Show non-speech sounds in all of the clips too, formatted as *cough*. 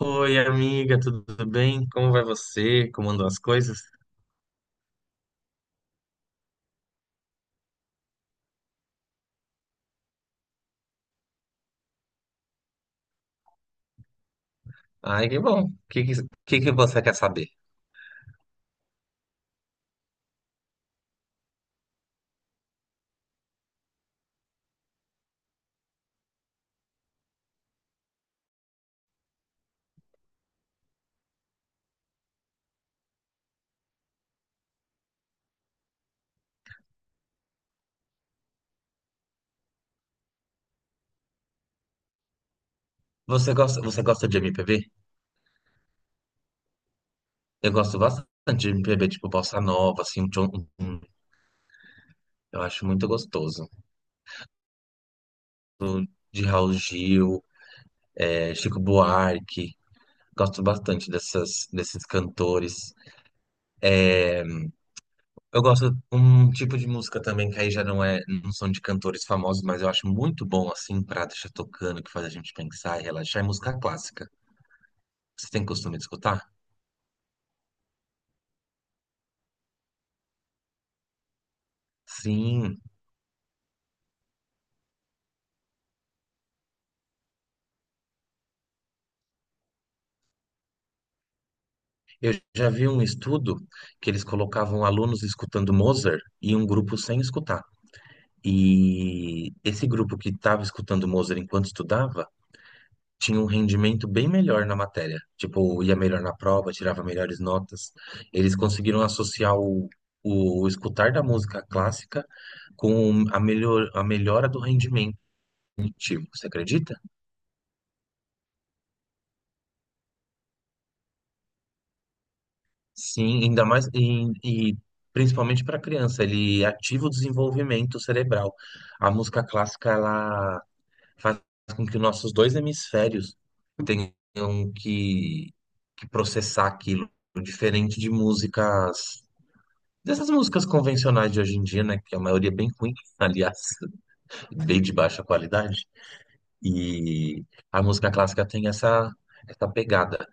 Oi, amiga, tudo bem? Como vai você? Como andam as coisas? Ai, que bom. O que que você quer saber? Você gosta de MPB? Eu gosto bastante de MPB, tipo Bossa Nova, assim, um- eu acho muito gostoso. De Raul Gil, Chico Buarque, gosto bastante desses cantores. Eu gosto um tipo de música também que aí já não é, não são de cantores famosos, mas eu acho muito bom, assim, pra deixar tocando, que faz a gente pensar e relaxar, é música clássica. Você tem costume de escutar? Sim, eu já vi um estudo que eles colocavam alunos escutando Mozart e um grupo sem escutar. E esse grupo que estava escutando Mozart enquanto estudava tinha um rendimento bem melhor na matéria. Tipo, ia melhor na prova, tirava melhores notas. Eles conseguiram associar o escutar da música clássica com a melhora do rendimento. Tipo, você acredita? Sim, ainda mais e principalmente para criança, ele ativa o desenvolvimento cerebral. A música clássica ela faz com que nossos dois hemisférios tenham que, que processar aquilo, diferente de músicas dessas músicas convencionais de hoje em dia, né, que a maioria é bem ruim, *laughs* aliás, bem de baixa qualidade. E a música clássica tem essa pegada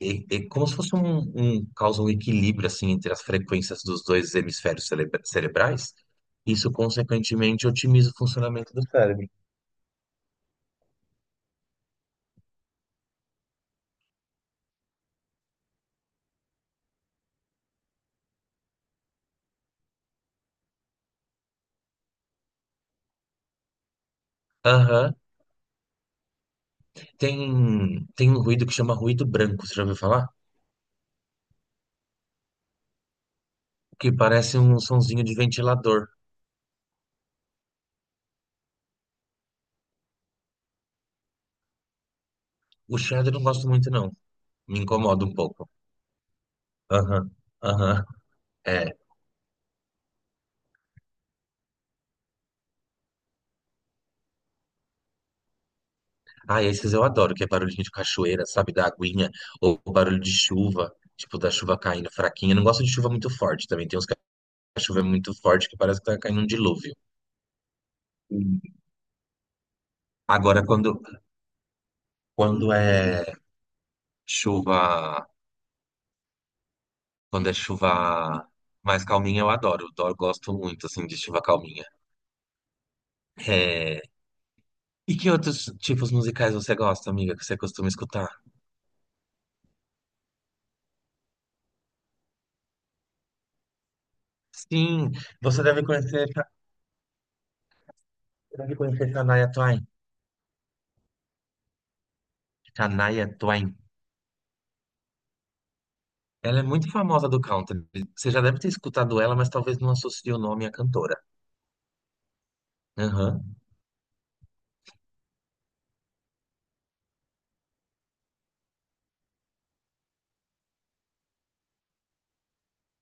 é como se fosse um causa um equilíbrio assim entre as frequências dos dois hemisférios cerebrais. Isso, consequentemente, otimiza o funcionamento do cérebro. Aham. Tem um ruído que chama ruído branco, você já ouviu falar? Que parece um sonzinho de ventilador. O chiado eu não gosto muito, não. Me incomoda um pouco. Aham. Aham. É. Ah, esses eu adoro, que é barulhinho de cachoeira, sabe? Da aguinha. Ou barulho de chuva, tipo da chuva caindo fraquinha. Eu não gosto de chuva muito forte também. Tem uns a chuva é muito forte que parece que tá caindo um dilúvio. Sim. Agora, quando é chuva, quando é chuva mais calminha, eu adoro. Eu gosto muito, assim, de chuva calminha. É, e que outros tipos musicais você gosta, amiga, que você costuma escutar? Sim, você deve conhecer, deve conhecer Shania Twain. Shania Twain. Ela é muito famosa do country. Você já deve ter escutado ela, mas talvez não associe o nome à cantora. Aham.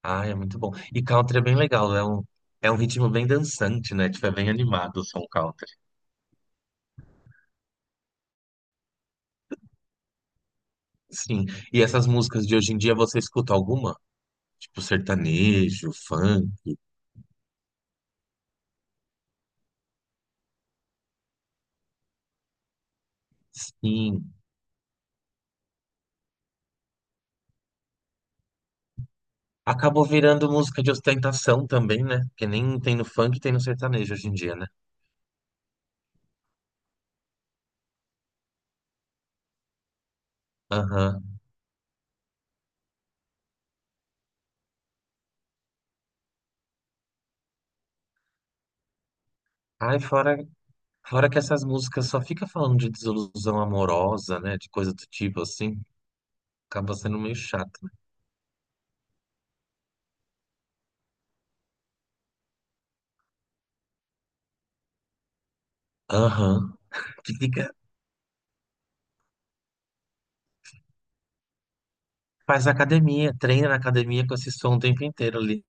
Ah, é muito bom. E country é bem legal, é um ritmo bem dançante, né? Tipo, é bem animado o som country. Sim. E essas músicas de hoje em dia, você escuta alguma? Tipo, sertanejo, funk, sim. Acabou virando música de ostentação também, né? Porque nem tem no funk, tem no sertanejo hoje em dia, né? Aham. Ai, fora que essas músicas só fica falando de desilusão amorosa, né? De coisa do tipo assim. Acaba sendo meio chato, né? Aham. Que fica faz academia, treina na academia com esse som o tempo inteiro ali.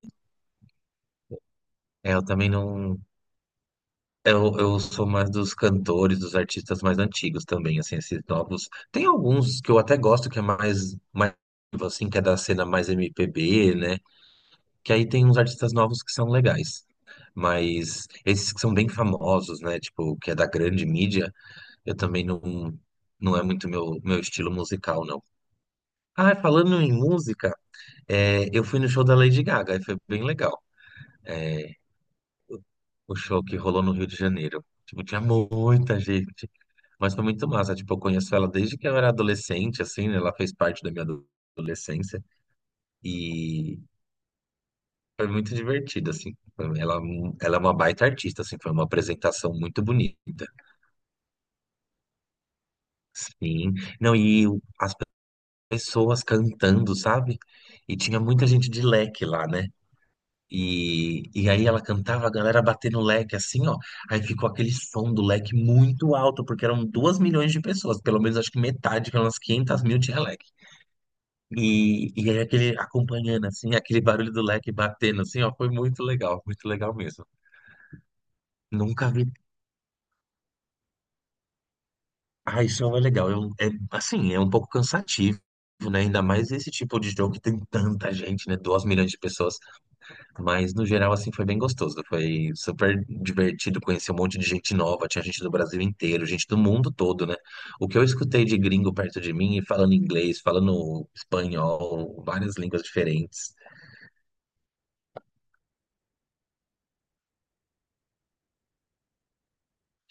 É, eu também não. Eu sou mais dos cantores, dos artistas mais antigos também, assim, esses novos. Tem alguns que eu até gosto que é mais assim, que é da cena mais MPB, né? Que aí tem uns artistas novos que são legais. Mas esses que são bem famosos, né? Tipo, que é da grande mídia, eu também não, não é muito meu estilo musical, não. Ah, falando em música, eu fui no show da Lady Gaga e foi bem legal. O show que rolou no Rio de Janeiro. Tipo, tinha muita gente, mas foi muito massa. Tipo, eu conheço ela desde que eu era adolescente, assim, né? Ela fez parte adolescência e foi muito divertido, assim. Ela, Ela é uma baita artista, assim, foi uma apresentação muito bonita. Sim. Não, e o- pessoas cantando, sabe? E tinha muita gente de leque lá, né? E aí ela cantava, a galera batendo o leque assim, ó. Aí ficou aquele som do leque muito alto, porque eram 2 milhões de pessoas, pelo menos acho que metade, pelas 500 mil tinha leque. E aí aquele acompanhando assim, aquele barulho do leque batendo assim, ó, foi muito legal mesmo. Nunca vi. Ah, isso é legal. Assim, é um pouco cansativo, né? Ainda mais esse tipo de jogo que tem tanta gente, né? 2 milhões de pessoas. Mas no geral, assim, foi bem gostoso. Foi super divertido conhecer um monte de gente nova. Tinha gente do Brasil inteiro, gente do mundo todo, né? O que eu escutei de gringo perto de mim, falando inglês, falando espanhol, várias línguas diferentes.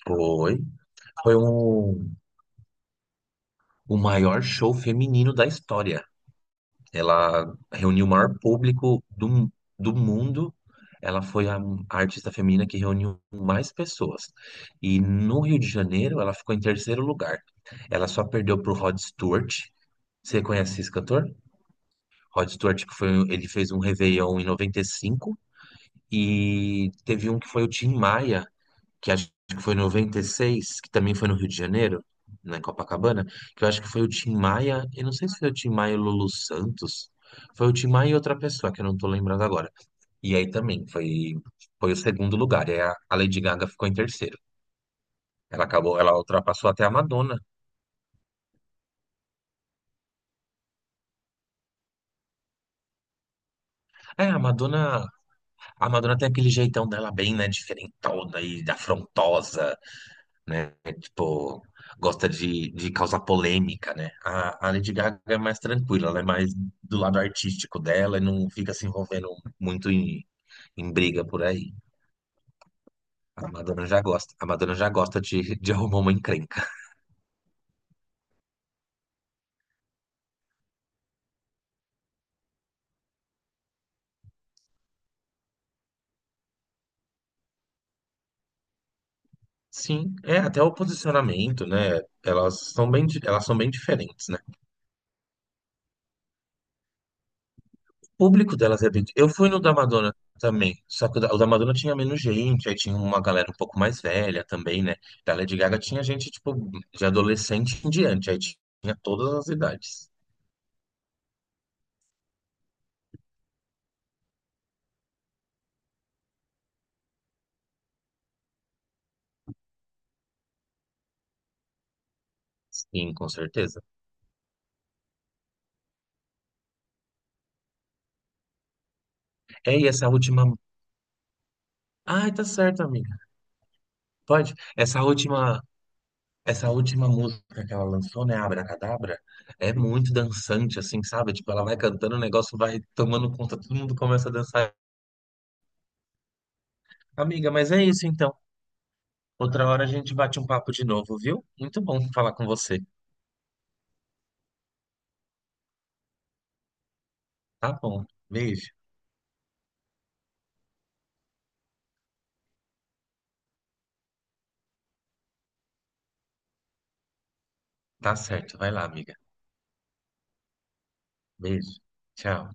Foi, foi um, o maior show feminino da história. Ela reuniu o maior público do mundo. Ela foi a artista feminina que reuniu mais pessoas. E no Rio de Janeiro, ela ficou em terceiro lugar. Ela só perdeu para o Rod Stewart. Você conhece esse cantor? Rod Stewart, ele fez um Réveillon em 95. E cinco. E teve um que foi o Tim Maia, que acho que foi em 96 que também foi no Rio de Janeiro, na Copacabana, que eu acho que foi o Tim Maia, e não sei se foi o Tim Maia e o Lulu Santos, foi o Tim Maia e outra pessoa, que eu não tô lembrando agora. E aí também foi o segundo lugar, e a Lady Gaga ficou em terceiro. Ela ultrapassou até a Madonna. É, a Madonna tem aquele jeitão dela bem, né, diferentona e afrontosa, né? Tipo, gosta de causar polêmica, né? A Lady Gaga é mais tranquila, ela é mais do lado artístico dela e não fica se envolvendo muito em briga por aí. A Madonna já gosta de arrumar uma encrenca. Sim, é até o posicionamento, né? Elas são elas são bem diferentes, né? Público delas é bem. Eu fui no da Madonna também, só que o da Madonna tinha menos gente, aí tinha uma galera um pouco mais velha também, né? Da Lady Gaga tinha gente, tipo, de adolescente em diante, aí tinha todas as idades. Sim, com certeza. É, e essa última. Ai, tá certo, amiga. Pode. Essa última. Essa última música que ela lançou, né, Abracadabra, é muito dançante, assim, sabe? Tipo, ela vai cantando, o negócio vai tomando conta, todo mundo começa a dançar. Amiga, mas é isso então. Outra hora a gente bate um papo de novo, viu? Muito bom falar com você. Tá bom. Beijo. Tá certo. Vai lá, amiga. Beijo. Tchau.